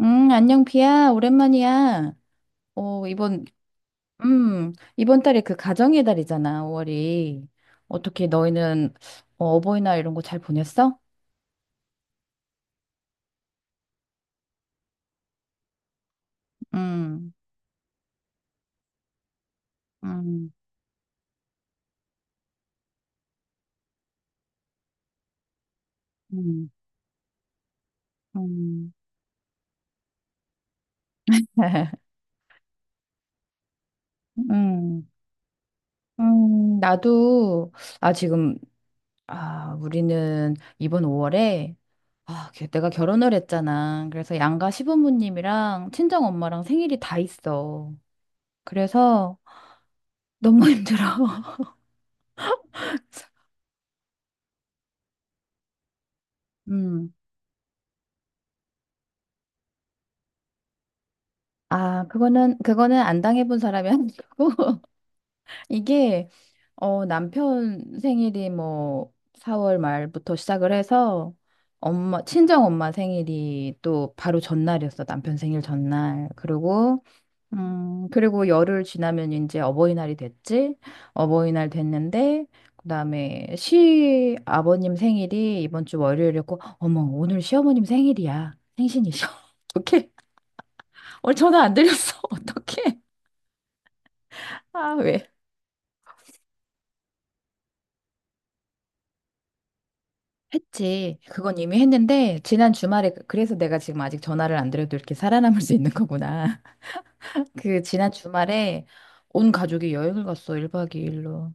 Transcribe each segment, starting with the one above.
안녕, 비야. 오랜만이야. 어, 이번, 이번 달에 그 가정의 달이잖아, 5월이. 어떻게 너희는 어버이날 이런 거 잘 보냈어? 음. 음. 음. 음. 음, 나도, 지금, 우리는 이번 5월에, 내가 결혼을 했잖아. 그래서 양가 시부모님이랑 친정 엄마랑 생일이 다 있어. 그래서 너무 힘들어. 음. 그거는 안 당해본 사람이 하는 거고, 이게, 남편 생일이 뭐, 4월 말부터 시작을 해서, 엄마, 친정 엄마 생일이 또 바로 전날이었어, 남편 생일 전날. 그리고 열흘 지나면 이제 어버이날이 됐지? 어버이날 됐는데, 그다음에 시아버님 생일이 이번 주 월요일이었고, 어머, 오늘 시어머님 생일이야. 생신이셔. 어떡해? 오늘 전화 안 드렸어. 어떡해? 아, 왜? 했지. 그건 이미 했는데, 지난 주말에, 그- 래서 내가 지금 아직 전화를 안 드려도 이렇게 살아남을 수 있는 거구나. 그 지난 주말에 온 가족이 여행을 갔어, 1박 2일로.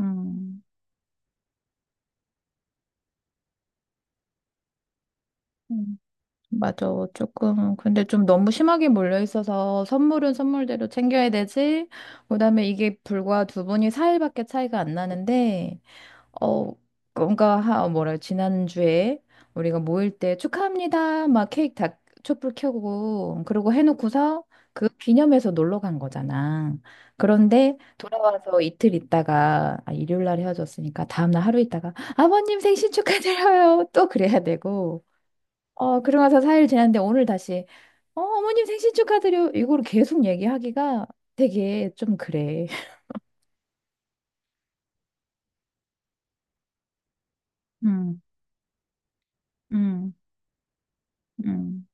음. 음. 맞아. 조금. 근데 좀 너무 심하게 몰려 있어서 선물은 선물대로 챙겨야 되지. 그다음에 이게 불과 두 분이 4일밖에 차이가 안 나는데 어, 뭔가, 지난주에 우리가 모일 때 축하합니다. 막 케이크 다 촛불 켜고, 그러고 해놓고서 그 기념해서 놀러 간 거잖아. 그런데 돌아와서 이틀 있다가, 일요일 날 헤어졌으니까 다음날 하루 있다가, 아버님 생신 축하드려요. 또 그래야 되고. 그러고 나서 4일 지났는데 오늘 다시, 어머님 생신 축하드려요. 이걸 계속 얘기하기가 되게 좀 그래. 음. 음. 음.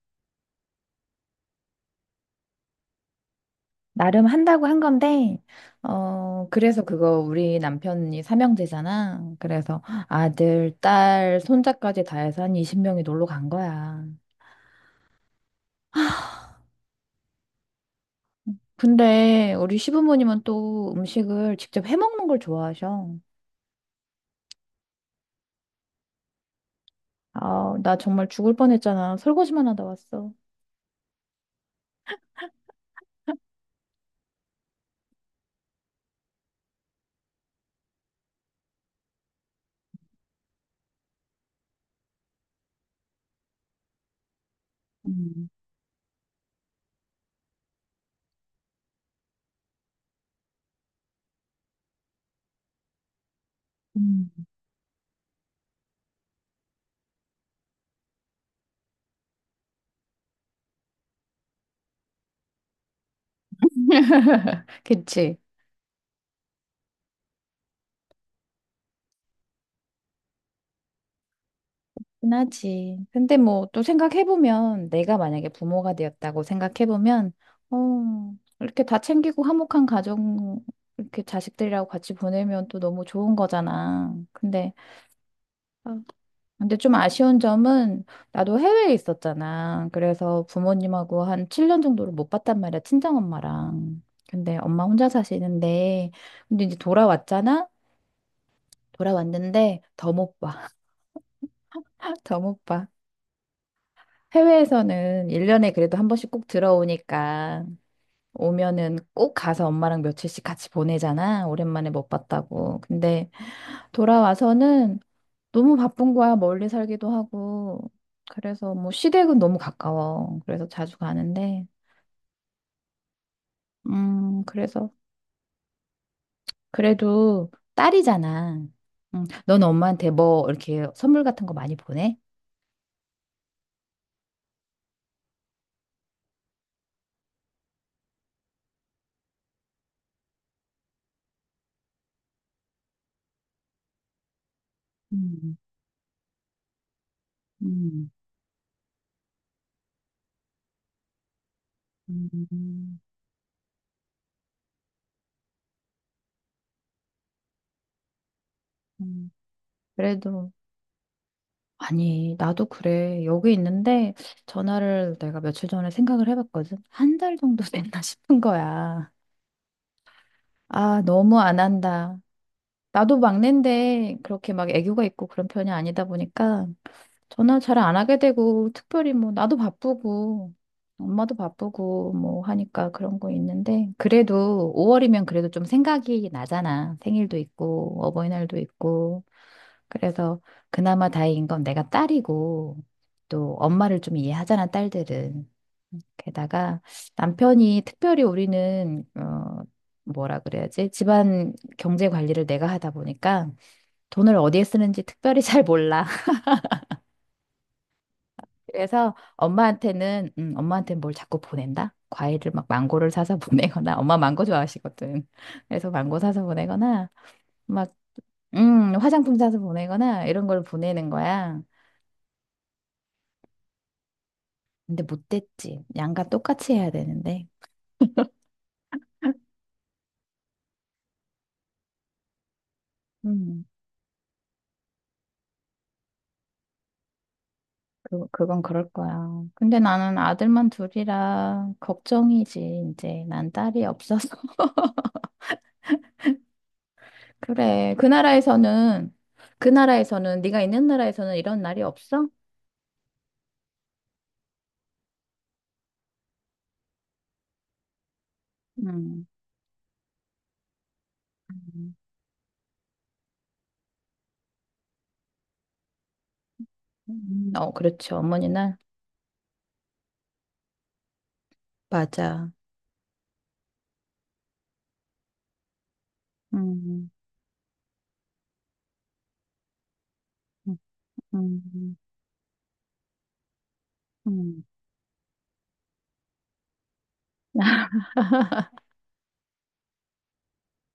나름 한다고 한 건데, 그래서 그거 우리 남편이 삼형제잖아. 그래서 아들, 딸, 손자까지 다 해서 한 20명이 놀러 간 거야. 근데 우리 시부모님은 또 음식을 직접 해 먹는 걸 좋아하셔. 아, 나 정말 죽을 뻔했잖아. 설거지만 하다 왔어. 음. 음. 그치? 흔하지. 근데 뭐 또 생각해보면 내가 만약에 부모가 되었다고 생각해보면 어, 이렇게 다 챙기고 화목한 가정 이렇게 자식들이랑 같이 보내면 또 너무 좋은 거잖아. 아, 근데 좀 아쉬운 점은 나도 해외에 있었잖아. 그래서 부모님하고 한 7년 정도를 못 봤단 말이야. 친정엄마랑. 근데 엄마 혼자 사시는데 근데 이제 돌아왔잖아. 돌아왔는데 더 못 봐. 더 못 봐. 해외에서는 1년에 그래도 한 번씩 꼭 들어오니까 오면은 꼭 가서 엄마랑 며칠씩 같이 보내잖아. 오랜만에 못 봤다고. 근데 돌아와서는 너무 바쁜 거야. 멀리 살기도 하고. 그래서 뭐 시댁은 너무 가까워. 그래서 자주 가는데. 그래서 그래도 딸이잖아. 넌 엄마한테 뭐 이렇게 선물 같은 거 많이 보내? 음. 음. 음. 음. 그래도 아니, 나도 그래. 여기 있는데 전화를 내가 며칠 전에 생각을 해봤거든. 한 달 정도 됐나 싶은 거야. 아, 너무 안 한다. 나도 막내인데 그렇게 막 애교가 있고 그런 편이 아니다 보니까 전화 잘 안 하게 되고, 특별히 뭐, 나도 바쁘고, 엄마도 바쁘고, 뭐, 하니까 그런 거 있는데, 그래도 5월이면 그래도 좀 생각이 나잖아. 생일도 있고, 어버이날도 있고. 그래서 그나마 다행인 건 내가 딸이고, 또 엄마를 좀 이해하잖아, 딸들은. 게다가 남편이 특별히 우리는, 뭐라 그래야지? 집안 경제 관리를 내가 하다 보니까 돈을 어디에 쓰는지 특별히 잘 몰라. 그래서 엄마한테는 뭘 자꾸 보낸다? 과일을 막 망고를 사서 보내거나 엄마 망고 좋아하시거든. 그래서 망고 사서 보내거나 막 화장품 사서 보내거나 이런 걸 보내는 거야. 근데 못됐지. 양과 똑같이 해야 되는데. 음, 그건 그럴 거야. 근데 나는 아들만 둘이라 걱정이지. 이제 난 딸이 없어서. 그래. 그 나라에서는 그 나라에서는 네가 있는 나라에서는 이런 날이 없어? 음. 음. 그렇죠. 어머니는. 맞아. 음. 음. 음. 음.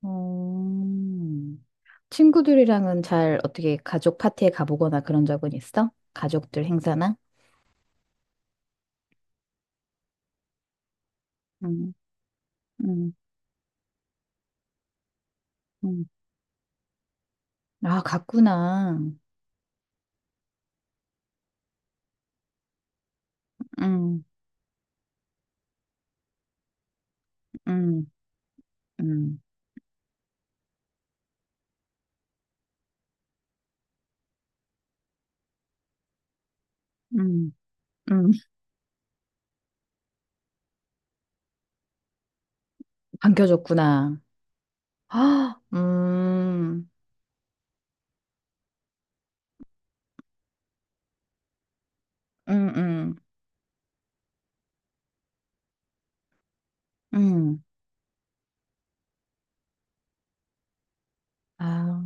음. 친구들이랑은 잘 어떻게 가족 파티에 가보거나 그런 적은 있어? 가족들 행사나? 음. 음. 음. 아, 갔구나. 음. 음. 음. 음. 음. 반겨줬구나. 아, 음. 음. 음. 음. 아,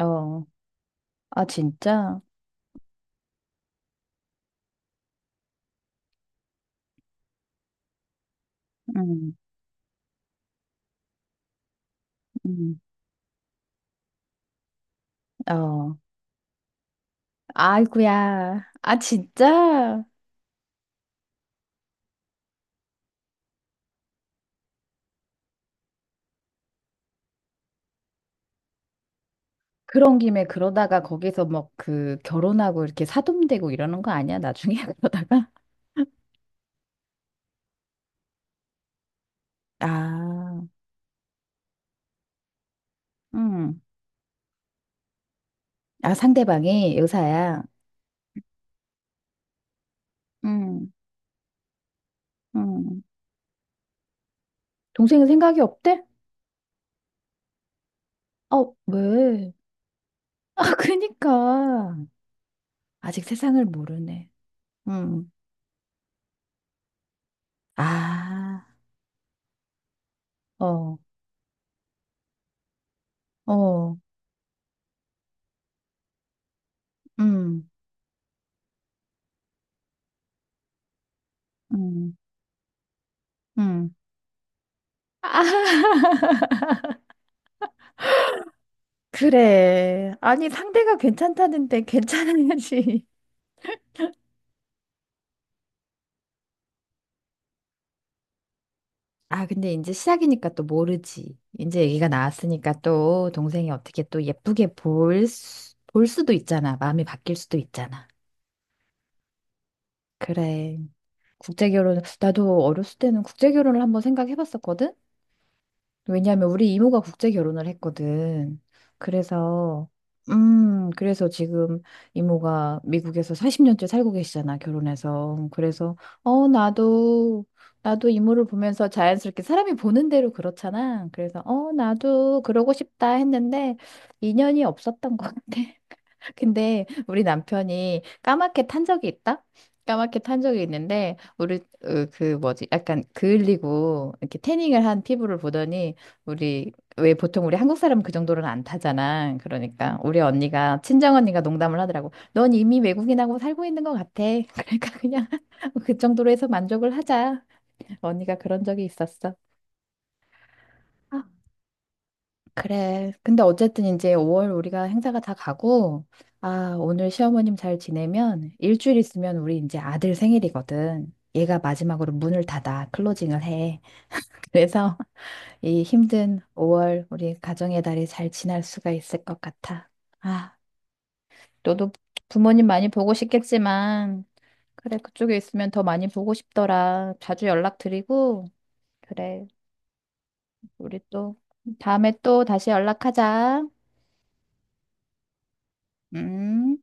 어. 아, 진짜? 음. 음. 어. 아이고야. 아, 진짜? 그런 김에 그러다가 거기서 막 그 결혼하고 이렇게 사돈되고 이러는 거 아니야? 나중에 그러다가? 아, 음. 아, 상대방이 여사야. 음. 음. 동생은 생각이 없대? 어, 왜? 아, 그니까. 아직 세상을 모르네. 음. 아, 어, 어, 음, 음, 음. 아, 그래. 아니, 상대가 괜찮다는데 괜찮아야지. 아, 근데 이제 시작이니까 또 모르지. 이제 얘기가 나왔으니까 또 동생이 어떻게 또 예쁘게 볼 수도 있잖아. 마음이 바뀔 수도 있잖아. 그래. 국제결혼, 나도 어렸을 때는 국제결혼을 한번 생각해봤었거든? 왜냐하면 우리 이모가 국제 결혼을 했거든. 그래서, 그래서 지금 이모가 미국에서 40년째 살고 계시잖아, 결혼해서. 그래서, 어, 나도, 나도 이모를 보면서 자연스럽게 사람이 보는 대로 그렇잖아. 그래서, 나도 그러고 싶다 했는데, 인연이 없었던 것 같아. 근데 우리 남편이 까맣게 탄 적이 있다? 까맣게 탄 적이 있는데 우리 그 뭐지 약간 그을리고 이렇게 태닝을 한 피부를 보더니 우리 왜 보통 우리 한국 사람은 그 정도로는 안 타잖아. 그러니까 우리 언니가 친정 언니가 농담을 하더라고. 넌 이미 외국인하고 살고 있는 것 같아. 그러니까 그냥 그 정도로 해서 만족을 하자. 언니가 그런 적이 있었어. 그래. 근데 어쨌든 이제 5월 우리가 행사가 다 가고, 아, 오늘 시어머님 잘 지내면 일주일 있으면 우리 이제 아들 생일이거든. 얘가 마지막으로 문을 닫아, 클로징을 해. 그래서 이 힘든 5월 우리 가정의 달이 잘 지날 수가 있을 것 같아. 아, 너도 부모님 많이 보고 싶겠지만, 그래, 그쪽에 있으면 더 많이 보고 싶더라. 자주 연락드리고, 그래, 우리 또 다음에 또 다시 연락하자. 음.